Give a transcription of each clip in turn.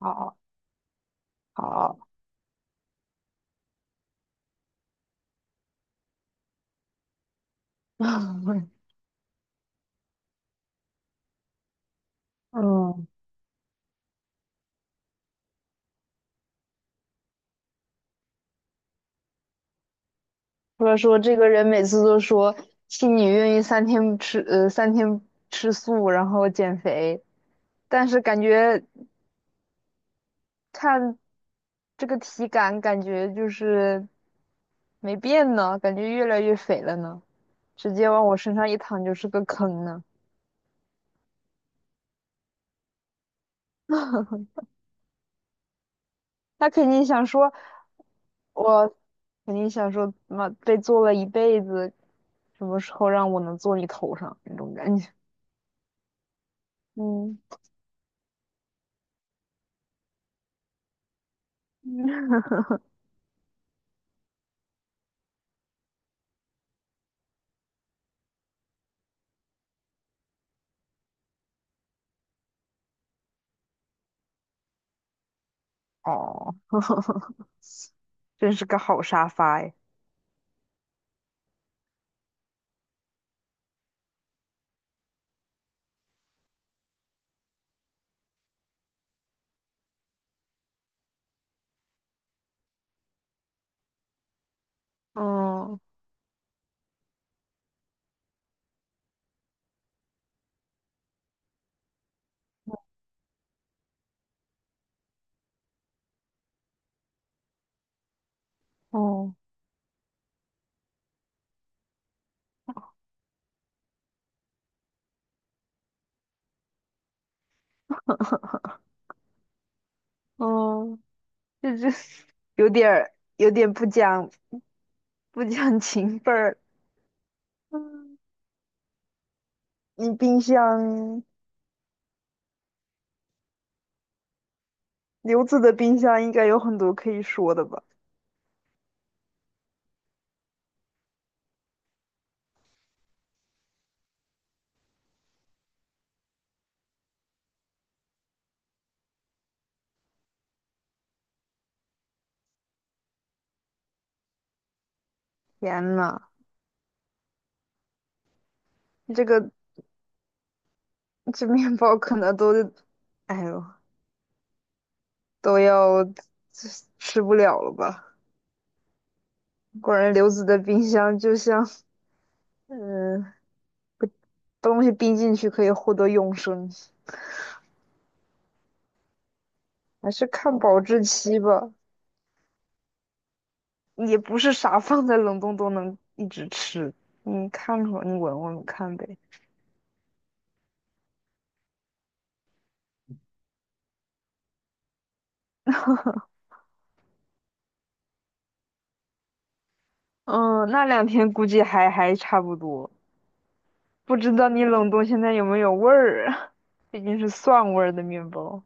好好，嗯，或者说这个人每次都说 x i 你愿意三天吃素，然后减肥，但是感觉看这个体感，感觉就是没变呢，感觉越来越肥了呢，直接往我身上一躺就是个坑呢。他肯定想说，我肯定想说，妈被做了一辈子，什么时候让我能坐你头上那种感觉。嗯。哦，真是个好沙发哎。嗯。哦。哦，这 有点不讲情分儿。嗯。你冰箱，刘子的冰箱应该有很多可以说的吧？天呐，这个这面包可能都，哎呦，都要吃不了了吧？果然刘子的冰箱就像，嗯，东西冰进去可以获得永生。还是看保质期吧，也不是啥放在冷冻都能一直吃。你看看，你闻闻看呗。嗯，那两天估计还差不多，不知道你冷冻现在有没有味儿啊？毕竟是蒜味儿的面包。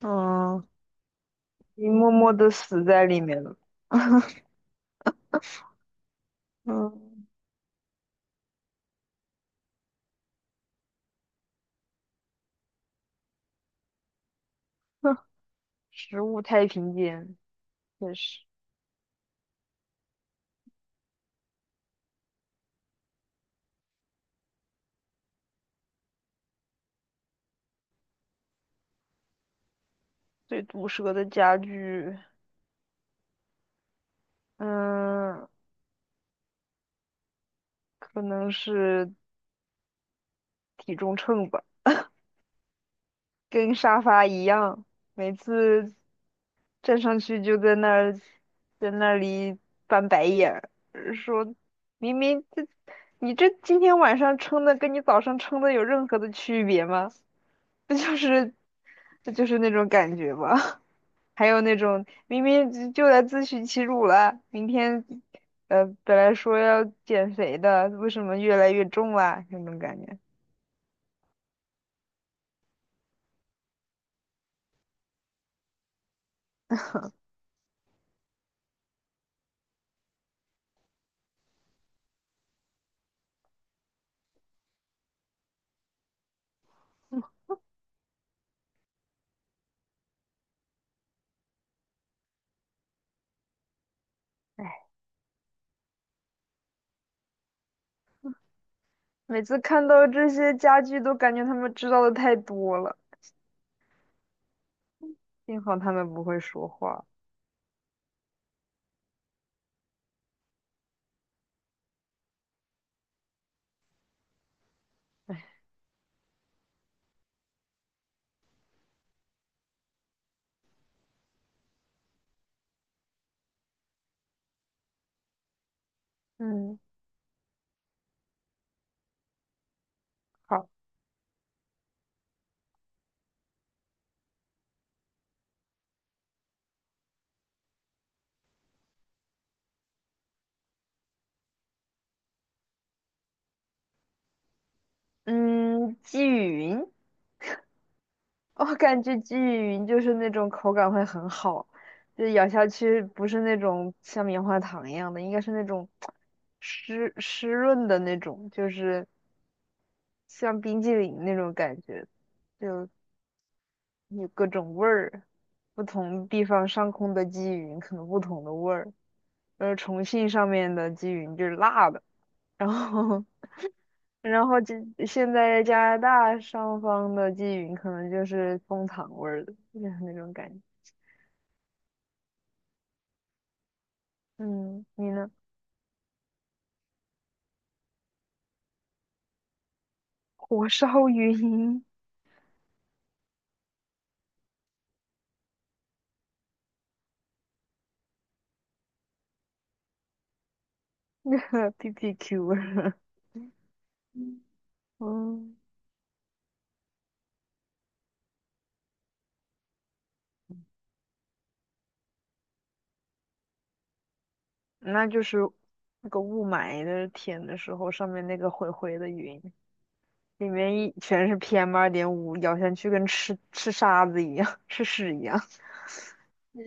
嗯，你默默的死在里面了。嗯。食物太平间，也是最毒舌的家具。嗯，可能是体重秤吧。跟沙发一样，每次站上去就在那儿，在那里翻白眼儿，说明明这你这今天晚上称的跟你早上称的有任何的区别吗？不就是这就是那种感觉吗？还有那种明明就来自取其辱了，明天本来说要减肥的，为什么越来越重啦？那种感觉，每次看到这些家具都感觉他们知道的太多了。幸好他们不会说话。嗯。好。嗯，鲫鱼云。我感觉鲫鱼云就是那种口感会很好，就咬下去不是那种像棉花糖一样的，应该是那种湿湿润的那种，就是像冰激凌那种感觉，就有各种味儿，不同地方上空的鲫鱼云可能不同的味儿，重庆上面的鲫鱼云就是辣的，然后然后现在加拿大上方的鲫云可能就是枫糖味儿的，就是那种感觉。嗯，你呢？火烧云，PPQ 味儿。嗯，那就是那个雾霾的天的时候，上面那个灰灰的云，里面一全是 PM2.5，咬下去跟吃沙子一样，吃屎一样，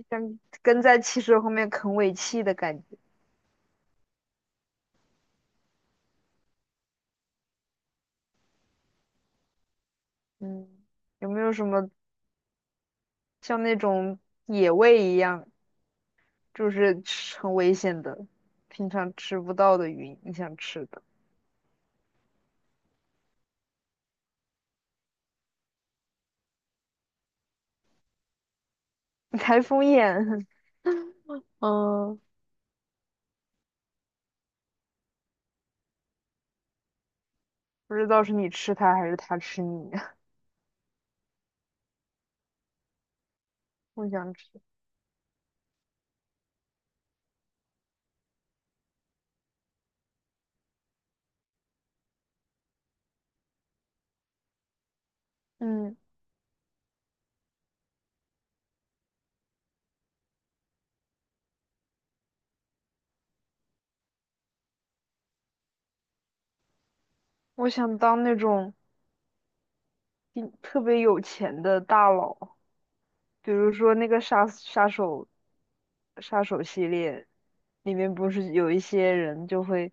像跟在汽车后面啃尾气的感觉。嗯，有没有什么像那种野味一样？就是吃很危险的，平常吃不到的鱼，你想吃的。台风眼。嗯，不知道是你吃它还是它吃你。我想吃。嗯，我想当那种一特别有钱的大佬，比如说那个杀手，杀手系列里面不是有一些人就会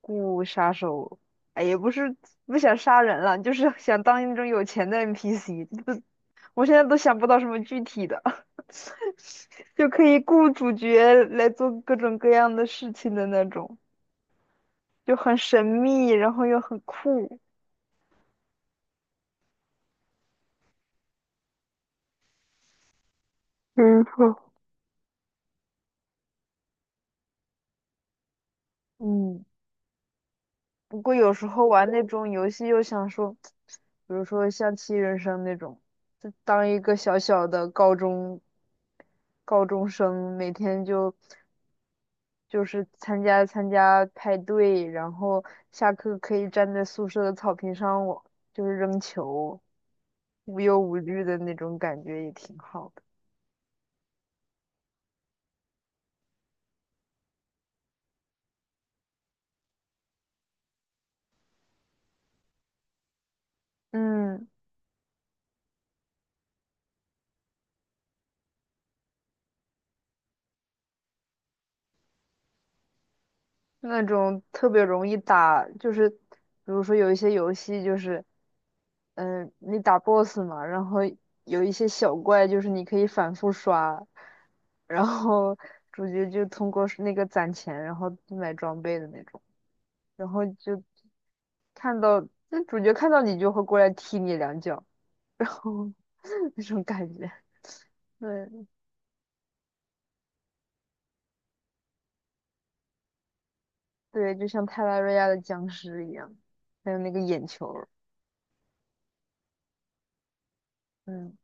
雇杀手，哎，也不是不想杀人了，就是想当那种有钱的 NPC。不，我现在都想不到什么具体的。就可以雇主角来做各种各样的事情的那种，就很神秘，然后又很酷。没错。嗯，不过有时候玩那种游戏又想说，比如说像《七人生》那种，就当一个小小的高中生，每天就就是参加派对，然后下课可以站在宿舍的草坪上，我就是扔球，无忧无虑的那种感觉也挺好。的。嗯，那种特别容易打，就是比如说有一些游戏就是，嗯、你打 BOSS 嘛，然后有一些小怪就是你可以反复刷，然后主角就通过是那个攒钱，然后买装备的那种，然后就看到那主角看到你就会过来踢你两脚，然后 那种感觉，对，对，就像泰拉瑞亚的僵尸一样，还有那个眼球。嗯。